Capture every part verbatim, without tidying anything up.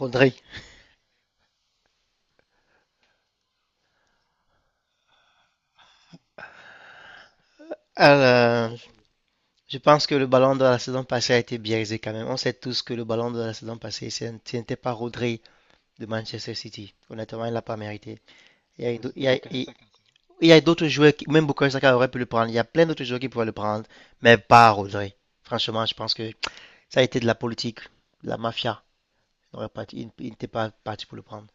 Rodri. Alors, je pense que le ballon de la saison passée a été biaisé quand même. On sait tous que le ballon de la saison passée, ce n'était pas Rodri de Manchester City. Honnêtement, il ne l'a pas mérité. Il y a, il y a- il- il y a d'autres joueurs, qui, même Bukayo Saka aurait pu le prendre. Il y a plein d'autres joueurs qui pouvaient le prendre, mais pas Rodri. Franchement, je pense que ça a été de la politique, de la mafia. N'aurait pas- Il n'était pas parti pour le prendre.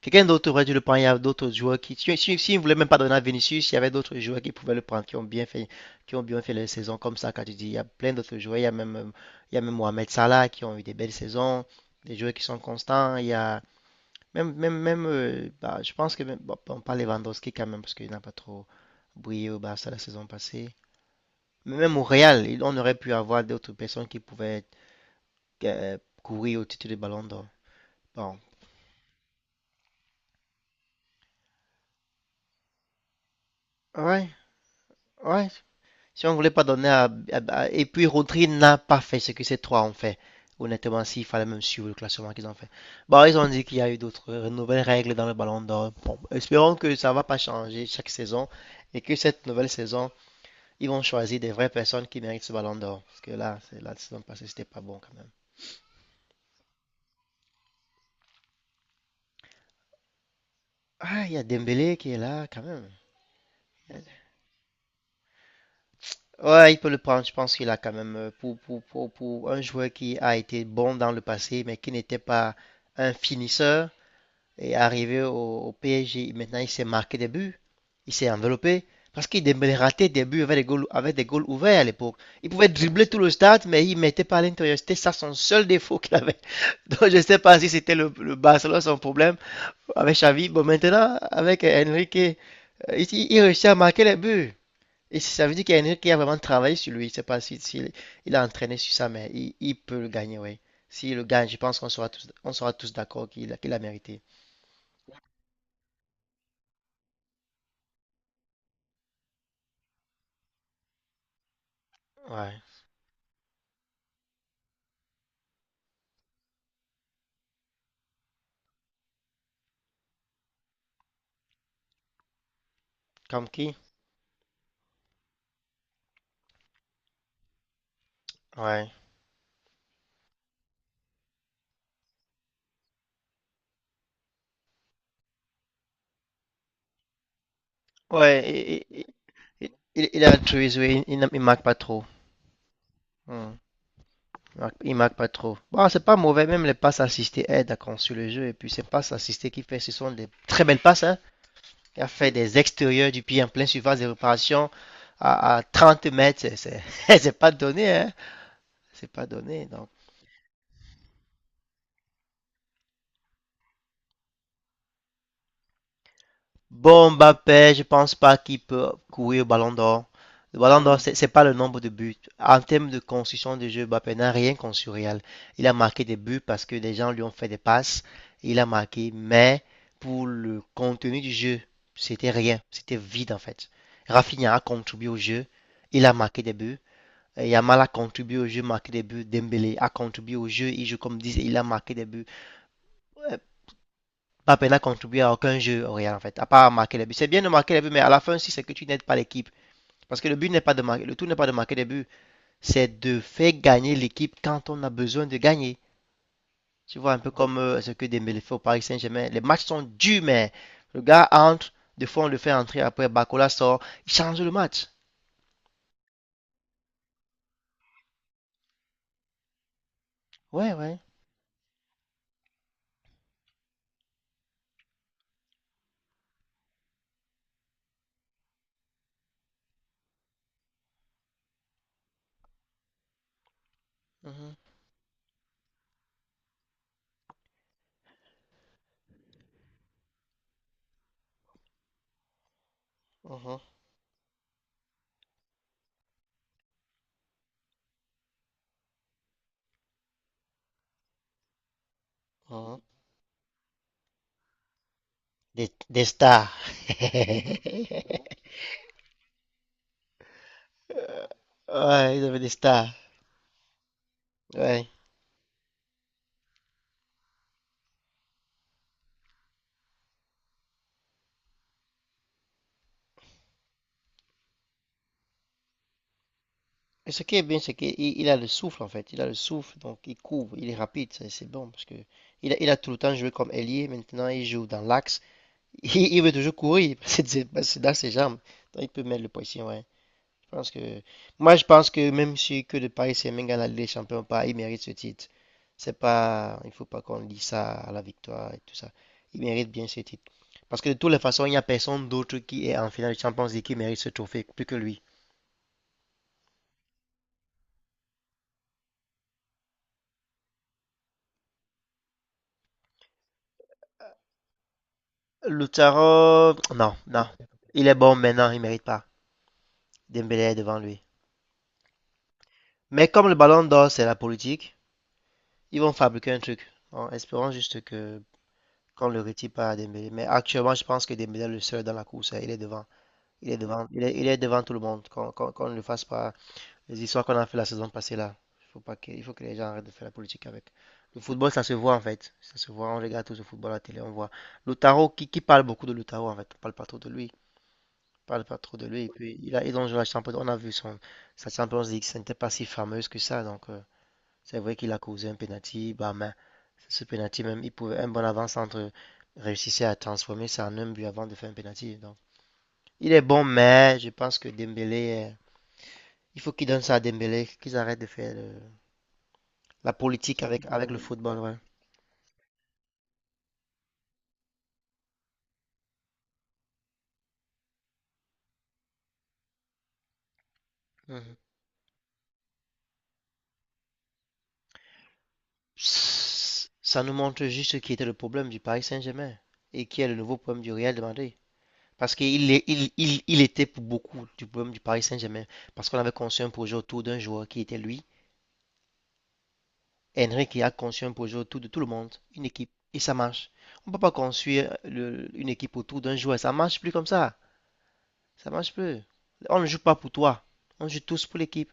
Quelqu'un d'autre aurait dû le prendre. Il y a d'autres joueurs qui. Si, si, si il ne voulait même pas donner à Vinicius, il y avait d'autres joueurs qui pouvaient le prendre, qui ont bien fait, qui ont bien fait les saisons comme ça. Quand tu dis, il y a plein d'autres joueurs. Il y a même, euh, il y a même Mohamed Salah qui ont eu des belles saisons, des joueurs qui sont constants. Il y a même, même, même euh, bah, je pense que même, bon, on parle Lewandowski quand même parce qu'il n'a pas trop brillé au Barça la saison passée. Mais même au Real, il- on aurait pu avoir d'autres personnes qui pouvaient euh, courir au titre de Ballon d'Or. Bon, ouais. Ouais, si on voulait pas donner à, à- à- Et puis Rodri n'a pas fait ce que ces trois ont fait. Honnêtement, s'il fallait même suivre le classement qu'ils ont fait. Bon, ils ont dit qu'il y a eu d'autres euh, nouvelles règles dans le ballon d'or. Bon, espérons que ça va pas changer chaque saison et que cette nouvelle saison, ils vont choisir des vraies personnes qui méritent ce ballon d'or. Parce que là, c'est la saison passée, c'était pas bon quand même. Ah, il y a Dembélé qui est là quand même. Ouais, il peut le prendre. Je pense qu'il a quand même euh, pour, pour, pour, pour un joueur qui a été bon dans le passé, mais qui n'était pas un finisseur. Est arrivé au, au P S G. Maintenant, il s'est marqué des buts. Il s'est enveloppé. Parce qu'il Dembélé ratait des buts avec des goals, avec des goals ouverts à l'époque. Il pouvait dribbler tout le stade, mais il ne mettait pas à l'intérieur. C'était ça son seul défaut qu'il avait. Donc je ne sais pas si c'était le, le, Barcelone son problème avec Xavi. Bon, maintenant, avec Enrique, euh, il, il réussit à marquer les buts. Et ça veut dire qu'Enrique a vraiment travaillé sur lui. Je ne sais pas s'il si, si il a entraîné sur ça, mais il, il peut le gagner, oui. S'il le gagne, je pense qu'on sera tous, on sera tous d'accord qu'il qu a mérité. Ouais. Comme qui? Ouais. Ouais, il, il, il- il a altruiste, oui, il, ne- il marque pas trop. Hmm. Il marque, il marque pas trop. Bon, c'est pas mauvais, même les passes assistées aident à construire le jeu. Et puis, ces passes assistées qu'il fait, ce sont des très belles passes, hein. Il a fait des extérieurs du pied en plein surface de réparation à, à 30 mètres. C'est c'est- c'est pas donné, hein. C'est pas donné. Donc, bon, Mbappé, je pense pas qu'il peut courir au Ballon d'Or. Le Ballon d'Or, c'est c'est pas le nombre de buts. En termes de construction de jeu, Mbappé n'a rien construit. Réel. Il a marqué des buts parce que des gens lui ont fait des passes. Il a marqué, mais pour le contenu du jeu, c'était rien. C'était vide en fait. Rafinha a contribué au jeu. Il a marqué des buts. Et Yamal a contribué au jeu, marqué des buts. Dembélé a contribué au jeu. Il joue comme disent, il a marqué des buts. Euh, Mbappé n'a contribué à aucun jeu au Real en fait, à part marquer les buts. C'est bien de marquer les buts, mais à la fin si c'est que tu n'aides pas l'équipe. Parce que le but n'est pas de marquer, le tout n'est pas de marquer des buts, c'est de faire gagner l'équipe quand on a besoin de gagner. Tu vois, un peu comme euh, ce que Dembélé fait au Paris Saint-Germain. Les matchs sont durs, mais le gars entre, des fois on le fait entrer, après Bacola sort, il change le match. Ouais, ouais. Mhm, mhm, mhm. Des, des stars. Ouais, ils avaient des stars. Ouais. Et ce qui est bien, c'est qu'il il a le souffle en fait. Il a le souffle, donc il couvre, il est rapide, ça, c'est bon parce que il a, il a tout le temps joué comme ailier. Maintenant, il joue dans l'axe. Il, il veut toujours courir, c'est dans ses jambes. Donc, il peut mettre le poisson, ouais. Je pense que moi, je pense que même si que de Paris Saint-Germain gagne la Champions ou pas, il mérite ce titre. C'est pas, il faut pas qu'on dise ça à la victoire et tout ça. Il mérite bien ce titre. Parce que de toutes les façons, il n'y a personne d'autre qui est en finale de Champions League qui mérite ce trophée plus que lui. Lautaro, non, non. Il est bon, maintenant, il mérite pas. Dembélé est devant lui. Mais comme le ballon d'or, c'est la politique, ils vont fabriquer un truc. En espérant juste que qu'on le retire pas à Dembélé. Mais actuellement, je pense que Dembélé est le seul dans la course. Hein. Il est devant. Il est devant. Il est, il est devant tout le monde. Qu'on qu'on- qu'on ne le fasse pas. Les histoires qu'on a fait la saison passée là. Faut pas que, il faut que les gens arrêtent de faire la politique avec. Le football, ça se voit en fait. Ça se voit. On regarde tous le football à la télé, on voit. Lautaro, qui, qui parle beaucoup de Lautaro en fait. On parle pas trop de lui. Parle pas trop de lui. Et puis, il a, il donc, la peu, on a vu son, sa Champions League, ce n'était pas si fameuse que ça. Donc, euh, c'est vrai qu'il a causé un penalty. Bah, mais ce penalty, même, il pouvait, un bon avant-centre réussissait à transformer ça en un but avant de faire un penalty. Donc, il est bon, mais je pense que Dembélé, euh, il faut qu'il donne ça à Dembélé, qu'ils arrêtent de faire le- la politique avec, avec le football. Ouais. Mhm. Ça nous montre juste ce qui était le problème du Paris Saint-Germain et qui est le nouveau problème du Real de Madrid. Parce qu'il est- il, il, il était pour beaucoup du problème du Paris Saint-Germain. Parce qu'on avait conçu un projet autour d'un joueur qui était lui. Henrik a conçu un projet autour de tout le monde, une équipe. Et ça marche. On ne peut pas construire le- une équipe autour d'un joueur. Ça marche plus comme ça. Ça marche plus. On ne joue pas pour toi. On joue tous pour l'équipe.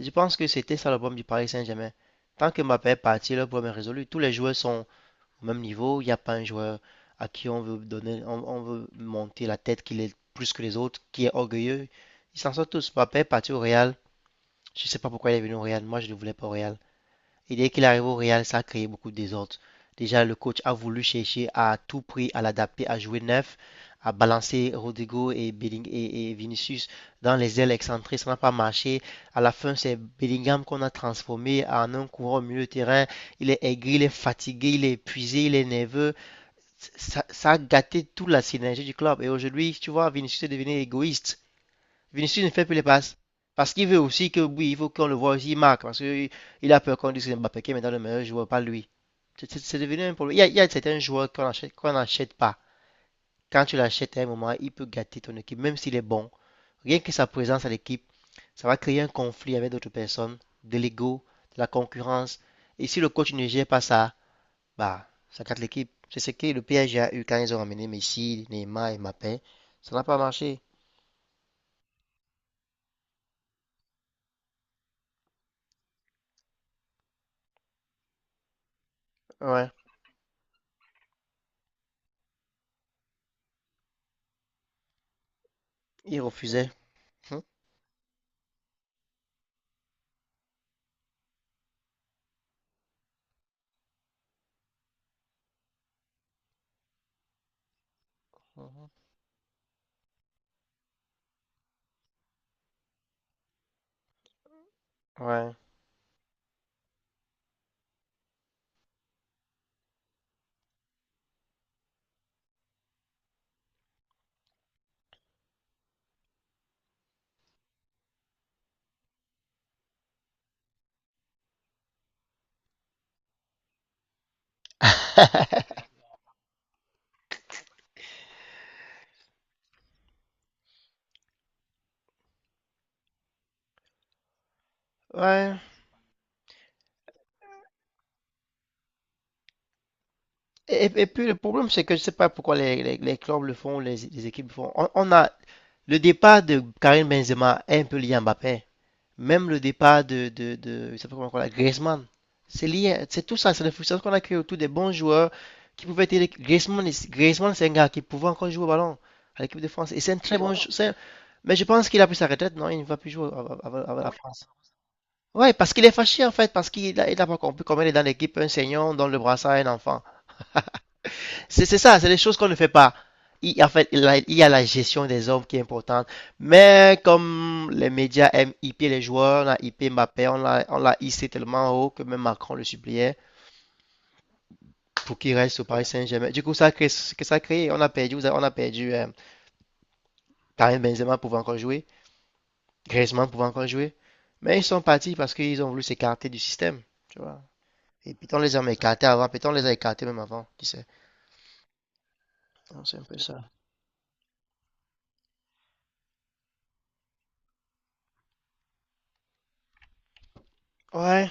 Je pense que c'était ça le problème du Paris Saint-Germain. Tant que Mbappé est parti, le problème est résolu. Tous les joueurs sont, au même niveau. Il n'y a pas un joueur à qui on veut donner, on, on veut monter la tête qu'il est plus que les autres, qui est orgueilleux. Ils s'en sortent tous. Mbappé est parti au Real. Je ne sais pas pourquoi il est venu au Real. Moi, je ne le voulais pas au Real. Et dès qu'il arrive au Real, ça a créé beaucoup de désordre. Déjà, le coach a voulu chercher à tout prix à l'adapter, à jouer neuf, à balancer Rodrigo et, Belling et, et Vinicius dans les ailes excentrées. Ça n'a pas marché. À la fin, c'est Bellingham qu'on a transformé en un coureur au milieu de terrain. Il est aigri, il est fatigué, il est épuisé, il est nerveux. Ça, ça a gâté toute la synergie du club. Et aujourd'hui, tu vois, Vinicius est devenu égoïste. Vinicius ne fait plus les passes. Parce qu'il veut aussi que, oui, il faut qu'on le voit aussi, il marque. Parce qu'il a peur qu'on dise que Mbappé qui est maintenant le meilleur joueur, pas lui. C'est- c'est devenu un problème. Il y a, il y a certains joueurs qu'on achète- qu'on n'achète pas. Quand tu l'achètes à un moment, il peut gâter ton équipe, même s'il est bon. Rien que sa présence à l'équipe, ça va créer un conflit avec d'autres personnes, de l'ego, de la concurrence. Et si le coach ne gère pas ça, bah, ça gâte l'équipe. C'est ce que le P S G a eu quand ils ont ramené Messi, Neymar et Mbappé. Ça n'a pas marché. Ouais, ils refusaient. Hum, mhm. Ouais. Ouais. Et, et- et puis le problème, c'est que je sais pas pourquoi les, les- les clubs le font, les, les équipes le font. On, on a le départ de Karim Benzema est un peu lié à Mbappé. Même le départ de, de, de il s'appelle comment encore Griezmann. C'est lié, c'est tout ça, c'est la frustration qu'on a créée autour des bons joueurs qui pouvaient être. Griezmann, Griezmann c'est un gars qui pouvait encore jouer au ballon à l'équipe de France. Et c'est un très bon jou- Mais je pense qu'il a pris sa retraite, non? Il ne va plus jouer av- avec la France. Ouais, parce qu'il est fâché en fait, parce qu'il a, il a pas compris comment il est dans l'équipe, un senior, dans le brassard, un enfant. C'est ça, c'est les choses qu'on ne fait pas. Il, en fait, il y a- la gestion des hommes qui est importante. Mais comme les médias aiment hyper les joueurs, on a hyper Mbappé, on l'a on l'a hissé tellement haut que même Macron le suppliait pour qu'il reste au Paris Saint-Germain. Du coup, ça a créé, que ça a on a perdu, on a perdu euh, Karim Benzema pouvait encore jouer, Griezmann pouvait encore jouer. Mais ils sont partis parce qu'ils ont voulu s'écarter du système, tu vois. Et puis on les a écartés avant, puis on les a écartés même avant, tu sais. C'est un peu ça. Ouais.